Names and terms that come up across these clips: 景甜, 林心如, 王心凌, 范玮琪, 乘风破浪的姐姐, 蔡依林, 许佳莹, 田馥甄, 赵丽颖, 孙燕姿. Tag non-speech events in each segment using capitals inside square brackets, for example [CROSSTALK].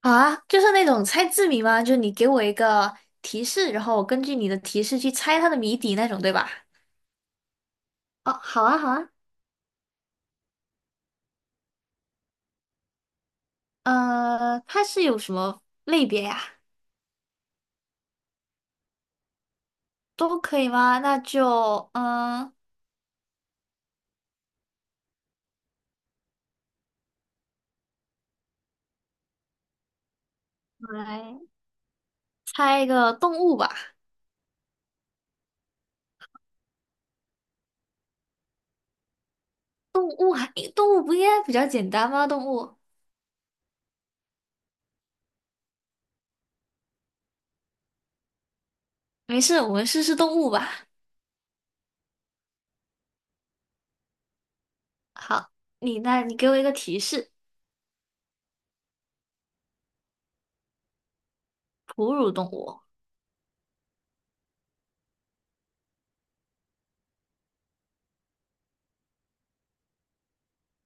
啊，就是那种猜字谜吗？就是你给我一个提示，然后我根据你的提示去猜它的谜底那种，对吧？哦，好啊，好啊。它是有什么类别呀？都可以吗？那就我来猜一个动物吧。动物还，动物不应该比较简单吗？动物，没事，我们试试动物吧。好，你那你给我一个提示，哺乳动物，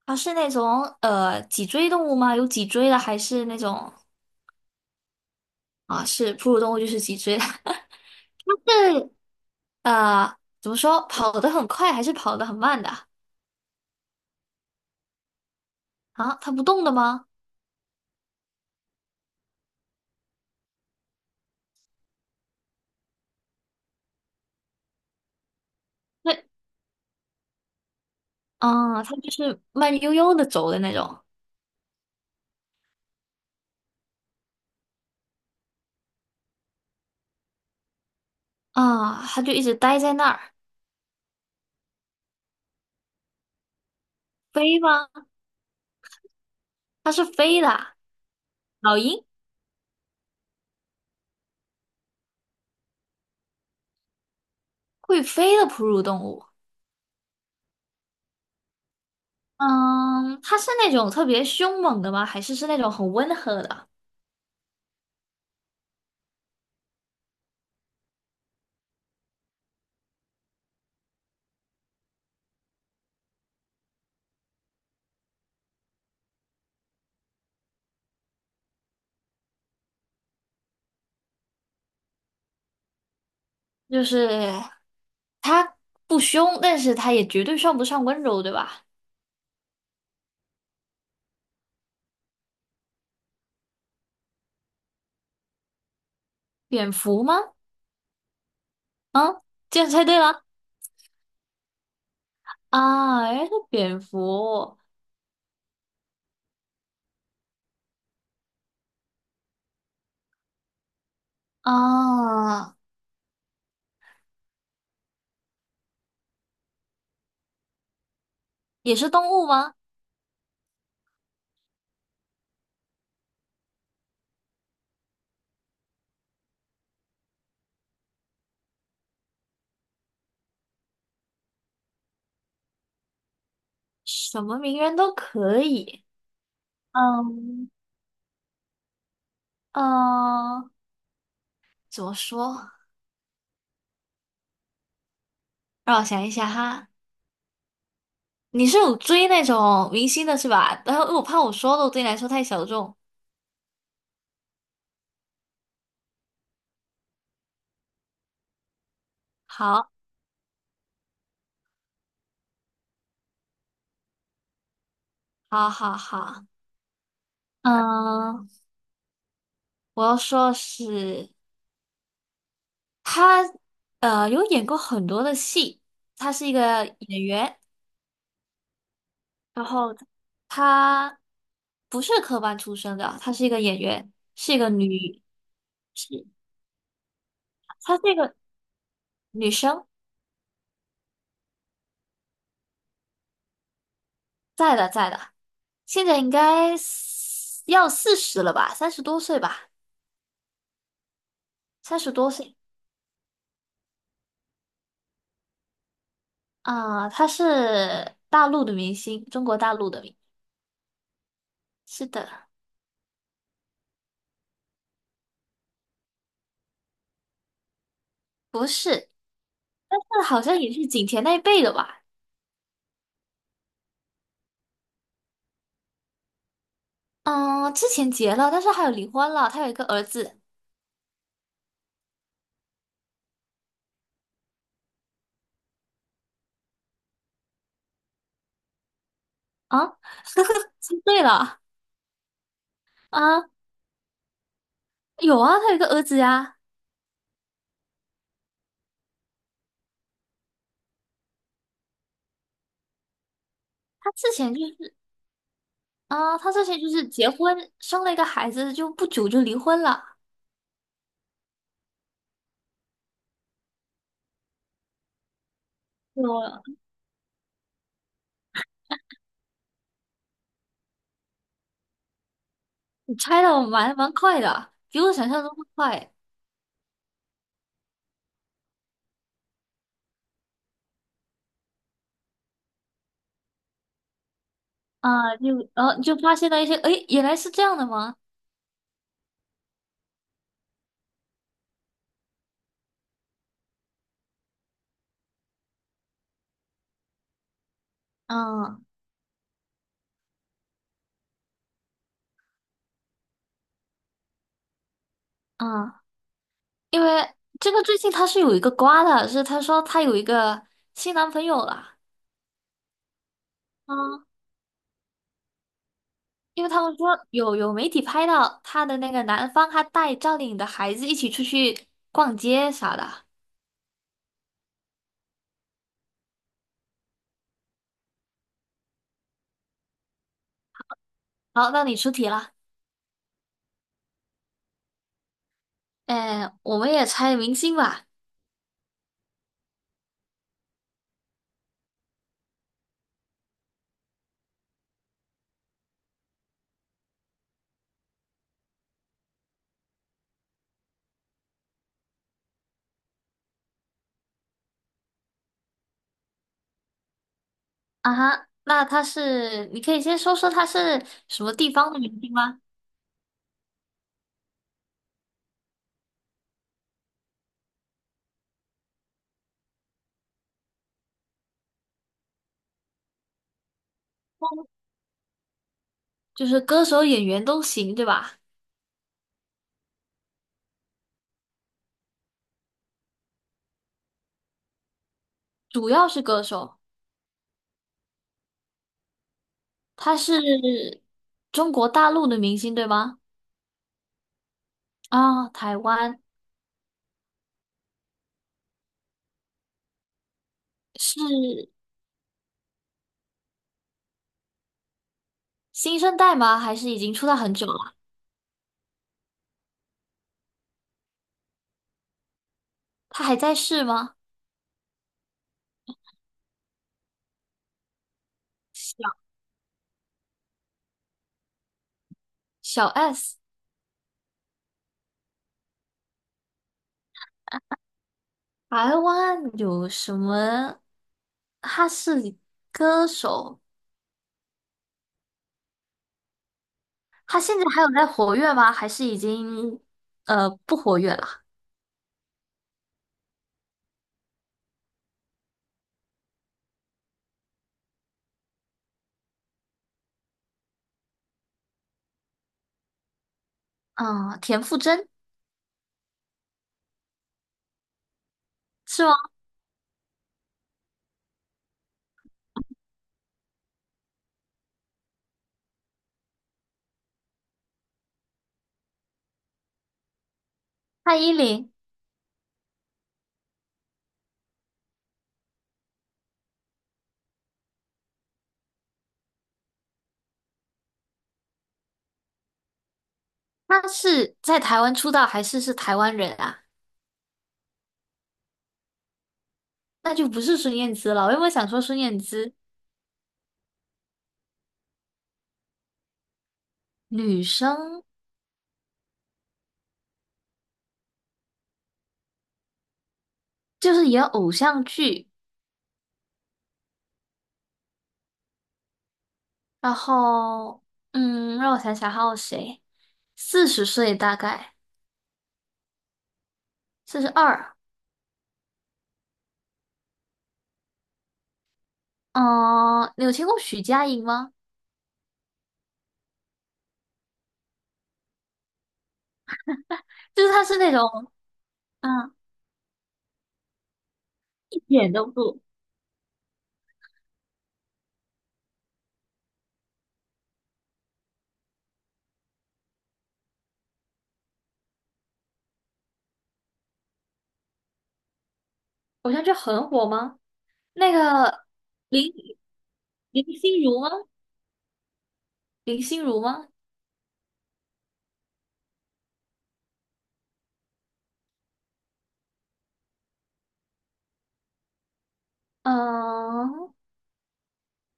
它是那种脊椎动物吗？有脊椎的，还是那种？啊，是哺乳动物就是脊椎的，[LAUGHS] 但是怎么说，跑得很快还是跑得很慢的啊？它不动的吗？对，啊，它就是慢悠悠的走的那种啊，它就一直待在那儿。飞吗？它是飞的啊老鹰会飞的哺乳动物。嗯，它是那种特别凶猛的吗？还是是那种很温和的？就是它不凶，但是它也绝对算不上温柔，对吧？蝙蝠吗？嗯，这样猜对了。啊，哎，是蝙蝠啊，也是动物吗？什么名人都可以。嗯嗯，怎么说？让我想一下哈。你是有追那种明星的是吧？然后我怕我说的我对你来说太小众。好，好，好，好。嗯，我要说的是他，有演过很多的戏，他是一个演员。然后她不是科班出身的，她是一个演员，是一个女，是，她是一个女生，在的，现在应该四十了吧，三十多岁吧，三十多岁啊，她是大陆的明星，中国大陆的明，是的，不是，那好像也是景甜那一辈的吧，嗯，之前结了，但是还有离婚了，她有一个儿子啊，[LAUGHS] 猜对了啊，有啊，她有一个儿子呀、他之前就是他之前就是结婚生了一个孩子，就不久就离婚了。我你猜的我蛮快的，比我想象中的快啊、就然后、就发现了一些，诶，原来是这样的吗？嗯嗯，因为这个最近他是有一个瓜的，是他说他有一个新男朋友了。啊。因为他们说有媒体拍到他的那个男方，他带赵丽颖的孩子一起出去逛街啥的。好，那你出题了。哎，我们也猜明星吧。啊哈，那他是，你可以先说说他是什么地方的明星吗？哦就是歌手、演员都行，对吧？主要是歌手，他是中国大陆的明星，对吗？啊、台湾是新生代吗？还是已经出道很久了？他还在世吗？小小 S，台湾有什么？他是歌手，他现在还有在活跃吗？还是已经不活跃了？嗯，田馥甄是吗？蔡依林，她是在台湾出道还是是台湾人啊？那就不是孙燕姿了。我原本想说孙燕姿，女生就是演偶像剧，然后让我想想还有谁，40岁大概42。嗯，你有听过许佳莹吗？就是她是那种嗯，一点都不偶像剧很火吗？那个林林心如吗？林心如吗？嗯，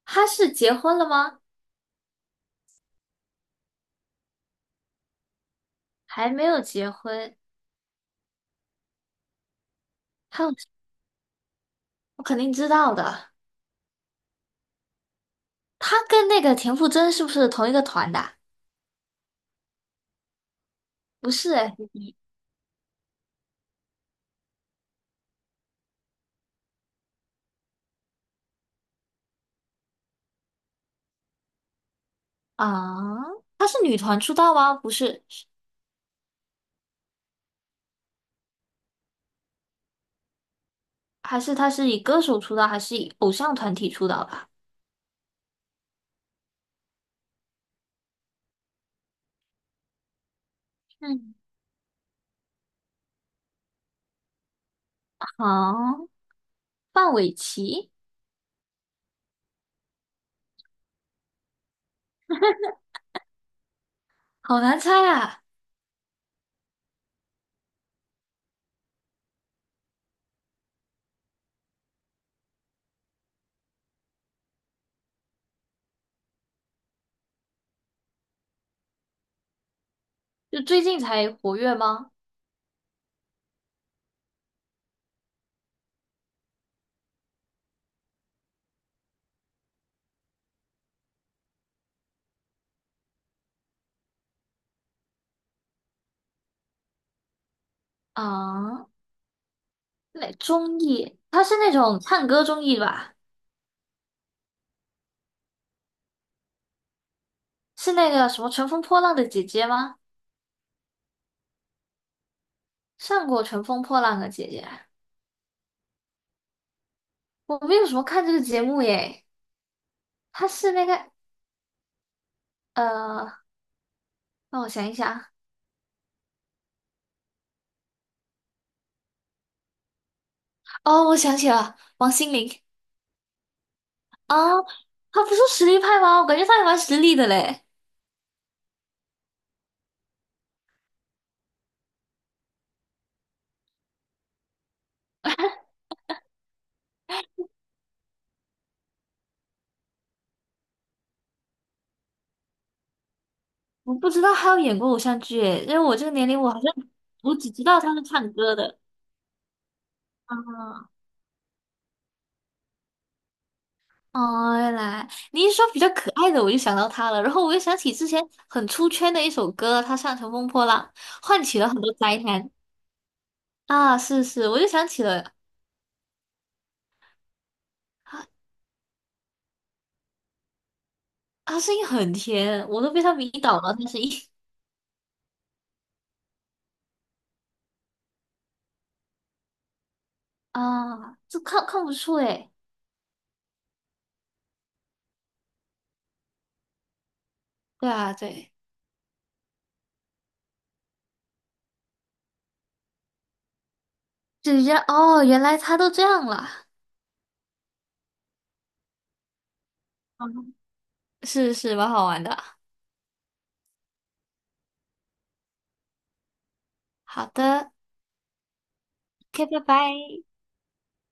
他是结婚了吗？还没有结婚，他我肯定知道的。他跟那个田馥甄是不是同一个团的啊不是哎，啊，他是女团出道吗？不是，还是他是以歌手出道，还是以偶像团体出道吧？嗯，好，范玮琪，好难猜啊！就最近才活跃吗？啊，那综艺，他是那种唱歌综艺吧？是那个什么《乘风破浪的姐姐》吗？上过《乘风破浪的姐姐》。我没有什么看这个节目耶，他是那个呃，让我想一想，哦，我想起了王心凌啊，他不是实力派吗？我感觉他还蛮实力的嘞，我不知道他有演过偶像剧耶，因为我这个年龄，我好像我只知道他是唱歌的。啊，哦，原来你一说比较可爱的，我就想到他了，然后我又想起之前很出圈的一首歌，他唱成乘风破浪》，唤起了很多灾难。啊，是是，我就想起了。啊，声音很甜，我都被他迷倒了。他声音 [LAUGHS] 啊，这看不出诶。对啊，对，是这样哦，原来他都这样了。嗯是是，蛮好玩的。好的，OK，拜拜。